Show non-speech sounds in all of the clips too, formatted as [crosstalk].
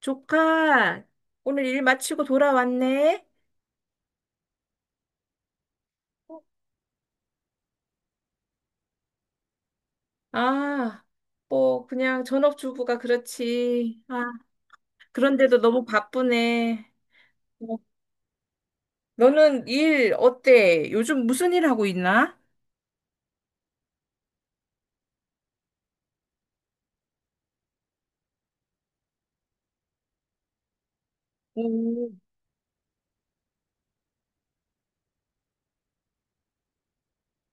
조카, 오늘 일 마치고 돌아왔네? 아, 뭐, 그냥 전업주부가 그렇지. 아, 그런데도 너무 바쁘네. 어, 너는 일 어때? 요즘 무슨 일 하고 있나? 오,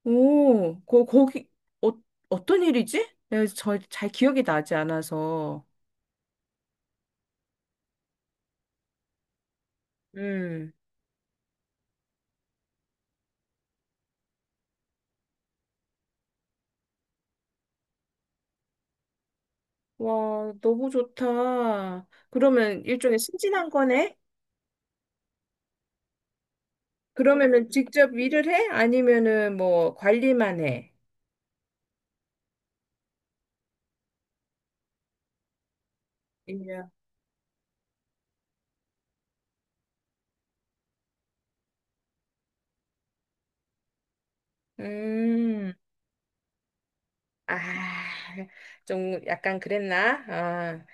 오, 거, 거기, 어, 어떤 일이지? 내가 잘 기억이 나지 않아서. 음, 와, 너무 좋다. 그러면 일종의 승진한 거네? 그러면은 직접 일을 해? 아니면은 뭐 관리만 해? 1년. 음, 아, 좀 약간 그랬나? 아,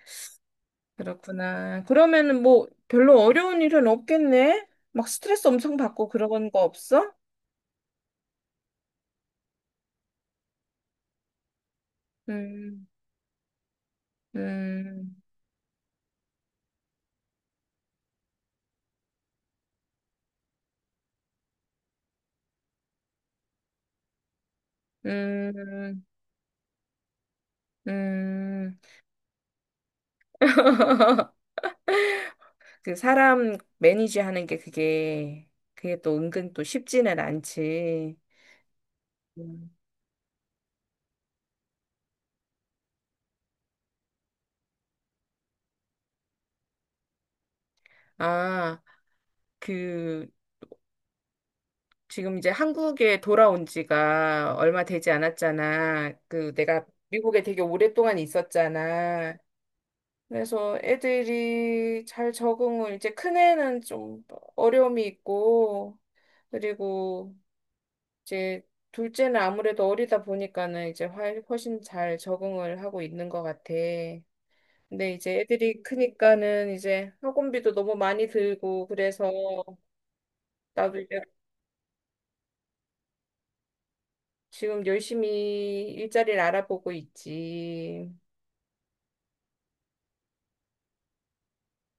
그렇구나. 그러면은 뭐 별로 어려운 일은 없겠네? 막 스트레스 엄청 받고 그런 거 없어? 음, 음, 음, 음. [laughs] 그 사람 매니지 하는 게 그게 또 은근 또 쉽지는 않지. 음. 아, 그, 지금 이제 한국에 돌아온 지가 얼마 되지 않았잖아. 그 내가 미국에 되게 오랫동안 있었잖아. 그래서 애들이 잘 적응을 이제 큰애는 좀 어려움이 있고 그리고 이제 둘째는 아무래도 어리다 보니까는 이제 훨씬 잘 적응을 하고 있는 것 같아. 근데 이제 애들이 크니까는 이제 학원비도 너무 많이 들고 그래서 나도 이제 지금 열심히 일자리를 알아보고 있지.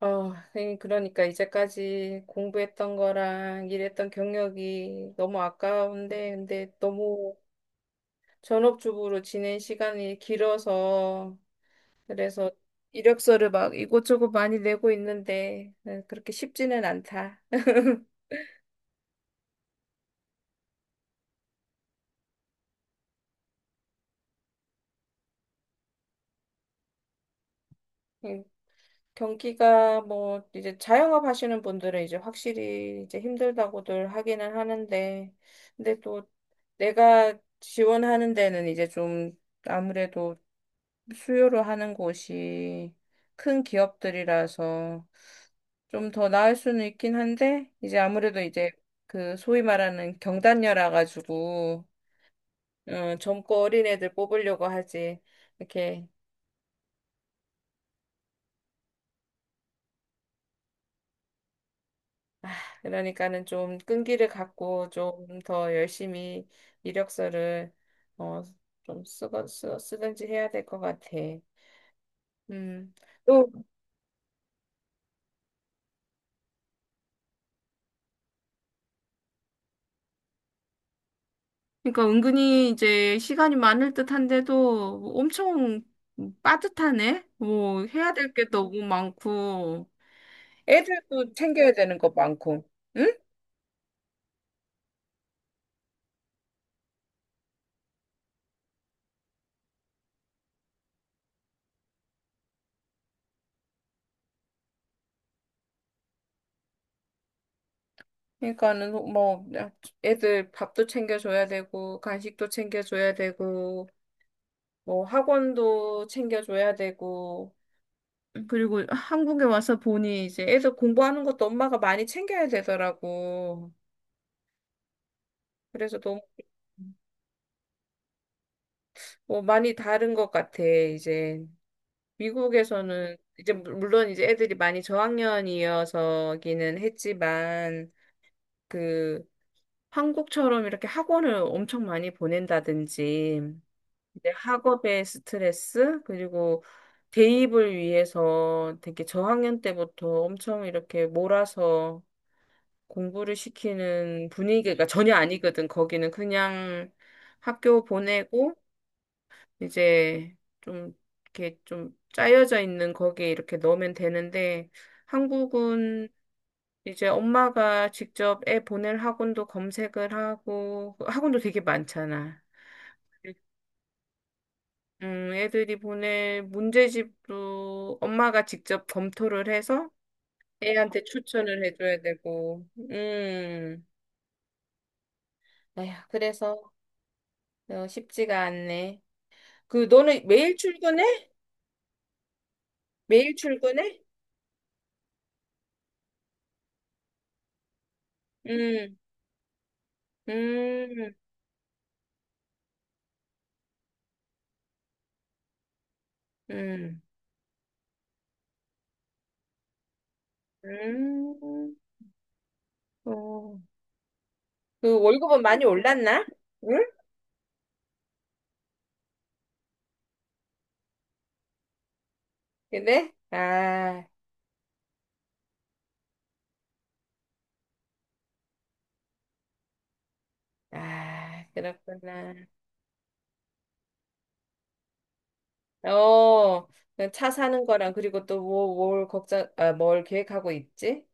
선생님, 그러니까 이제까지 공부했던 거랑 일했던 경력이 너무 아까운데, 근데 너무 전업주부로 지낸 시간이 길어서, 그래서 이력서를 막 이곳저곳 많이 내고 있는데, 네, 그렇게 쉽지는 않다. 음, 경기가 뭐, 이제 자영업 하시는 분들은 이제 확실히 이제 힘들다고들 하기는 하는데, 근데 또 내가 지원하는 데는 이제 좀 아무래도 수요로 하는 곳이 큰 기업들이라서 좀 더 나을 수는 있긴 한데 이제 아무래도 이제 그 소위 말하는 경단녀라 가지고 젊고 어린 애들 뽑으려고 하지 이렇게 그러니까는 좀 끈기를 갖고 좀 더 열심히 이력서를 어, 좀 쓰고 쓰든지 해야 될 것 같아. 음. 그러니까 은근히 이제 시간이 많을 듯한데도 뭐 엄청 빠듯하네. 뭐 해야 될 게 너무 많고 애들도 챙겨야 되는 거 많고. 응? 그러니까는 뭐 애들 밥도 챙겨줘야 되고 간식도 챙겨줘야 되고 뭐 학원도 챙겨줘야 되고 그리고 한국에 와서 보니 이제 애들 공부하는 것도 엄마가 많이 챙겨야 되더라고. 그래서 너무 뭐 많이 다른 것 같아 이제. 미국에서는 이제 물론 이제 애들이 많이 저학년이어서기는 했지만 그 한국처럼 이렇게 학원을 엄청 많이 보낸다든지 이제 학업의 스트레스 그리고 대입을 위해서 되게 저학년 때부터 엄청 이렇게 몰아서 공부를 시키는 분위기가 전혀 아니거든. 거기는 그냥 학교 보내고 이제 좀 이렇게 좀 짜여져 있는 거기에 이렇게 넣으면 되는데 한국은 이제 엄마가 직접 애 보낼 학원도 검색을 하고 그 학원도 되게 많잖아. 애들이 보낼 문제집도 엄마가 직접 검토를 해서 애한테 추천을 해줘야 되고, 음, 아휴, 그래서 쉽지가 않네. 너는 매일 출근해? 매일 출근해? 음, 음. 음, 음, 어. 그 월급은 많이 올랐나? 응? 근데? 아, 그렇구나. 어, 그 차 사는 거랑 그리고 또 뭐, 뭘 계획하고 있지?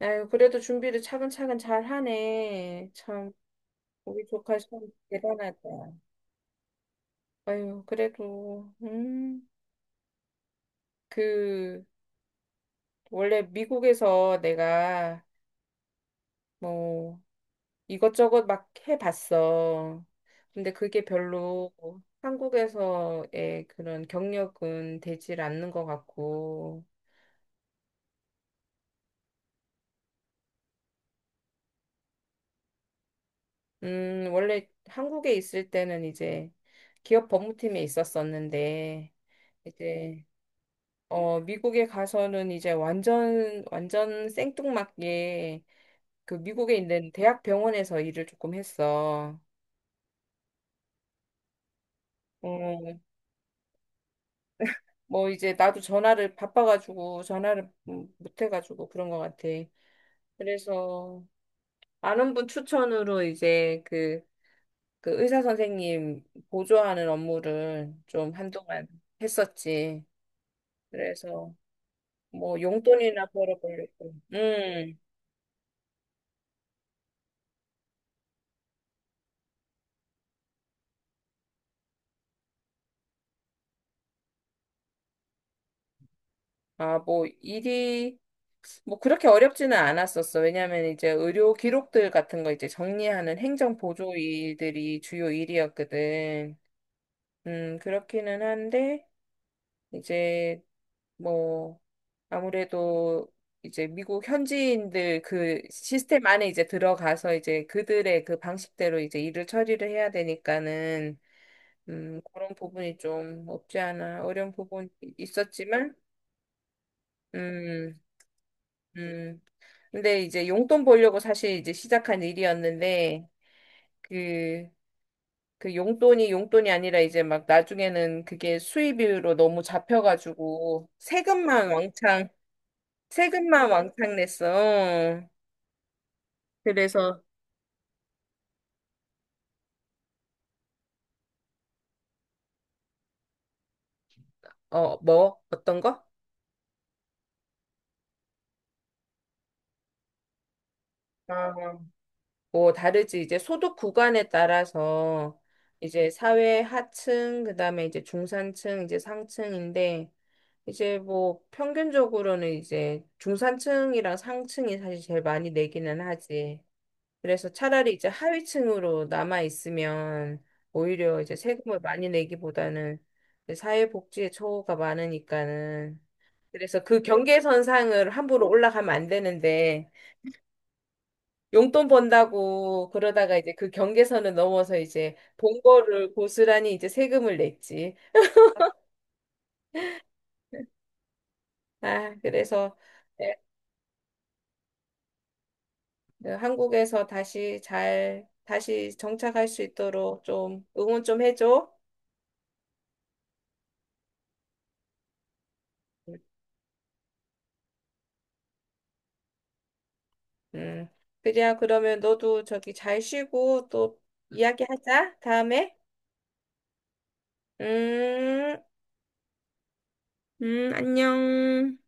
아유, 그래도 준비를 차근차근 잘 하네. 참, 우리 조카 참 대단하다. 아유, 그래도, 그, 원래 미국에서 내가, 뭐, 이것저것 막 해봤어. 근데 그게 별로 한국에서의 그런 경력은 되질 않는 것 같고, 원래 한국에 있을 때는 이제 기업 법무팀에 있었었는데, 이제, 미국에 가서는 이제 완전 생뚱맞게 그 미국에 있는 대학 병원에서 일을 조금 했어. 어, 뭐 이제 나도 전화를 바빠가지고 전화를 못 해가지고 그런 것 같아. 그래서 아는 분 추천으로 이제 그 의사 선생님 보조하는 업무를 좀 한동안 했었지. 그래서 뭐 용돈이나 벌어보려고. 아, 뭐 일이 뭐 그렇게 어렵지는 않았었어. 왜냐하면 이제 의료 기록들 같은 거 이제 정리하는 행정 보조 일들이 주요 일이었거든. 그렇기는 한데 이제 뭐, 아무래도 이제 미국 현지인들 그 시스템 안에 이제 들어가서 이제 그들의 그 방식대로 이제 일을 처리를 해야 되니까는, 그런 부분이 좀 없지 않아 어려운 부분이 있었지만, 음, 음. 근데 이제 용돈 벌려고 사실 이제 시작한 일이었는데, 그, 그 용돈이 용돈이 아니라 이제 막 나중에는 그게 수입으로 너무 잡혀가지고 세금만 왕창 냈어. 그래서, 뭐? 어떤 거? 아, 뭐 다르지. 이제 소득 구간에 따라서 이제 사회 하층, 그다음에 이제 중산층, 이제 상층인데 이제 뭐 평균적으로는 이제 중산층이랑 상층이 사실 제일 많이 내기는 하지. 그래서 차라리 이제 하위층으로 남아 있으면 오히려 이제 세금을 많이 내기보다는 이제 사회복지에 초가 많으니까는 그래서 그 경계선상을 함부로 올라가면 안 되는데 용돈 번다고 그러다가 이제 그 경계선을 넘어서 이제 본 거를 고스란히 이제 세금을 냈지. 아, 그래서 네, 그 한국에서 다시 정착할 수 있도록 좀 응원 좀 해줘. 음, 그래야 그러면 너도 저기 잘 쉬고 또 이야기하자, 다음에. 음, 안녕.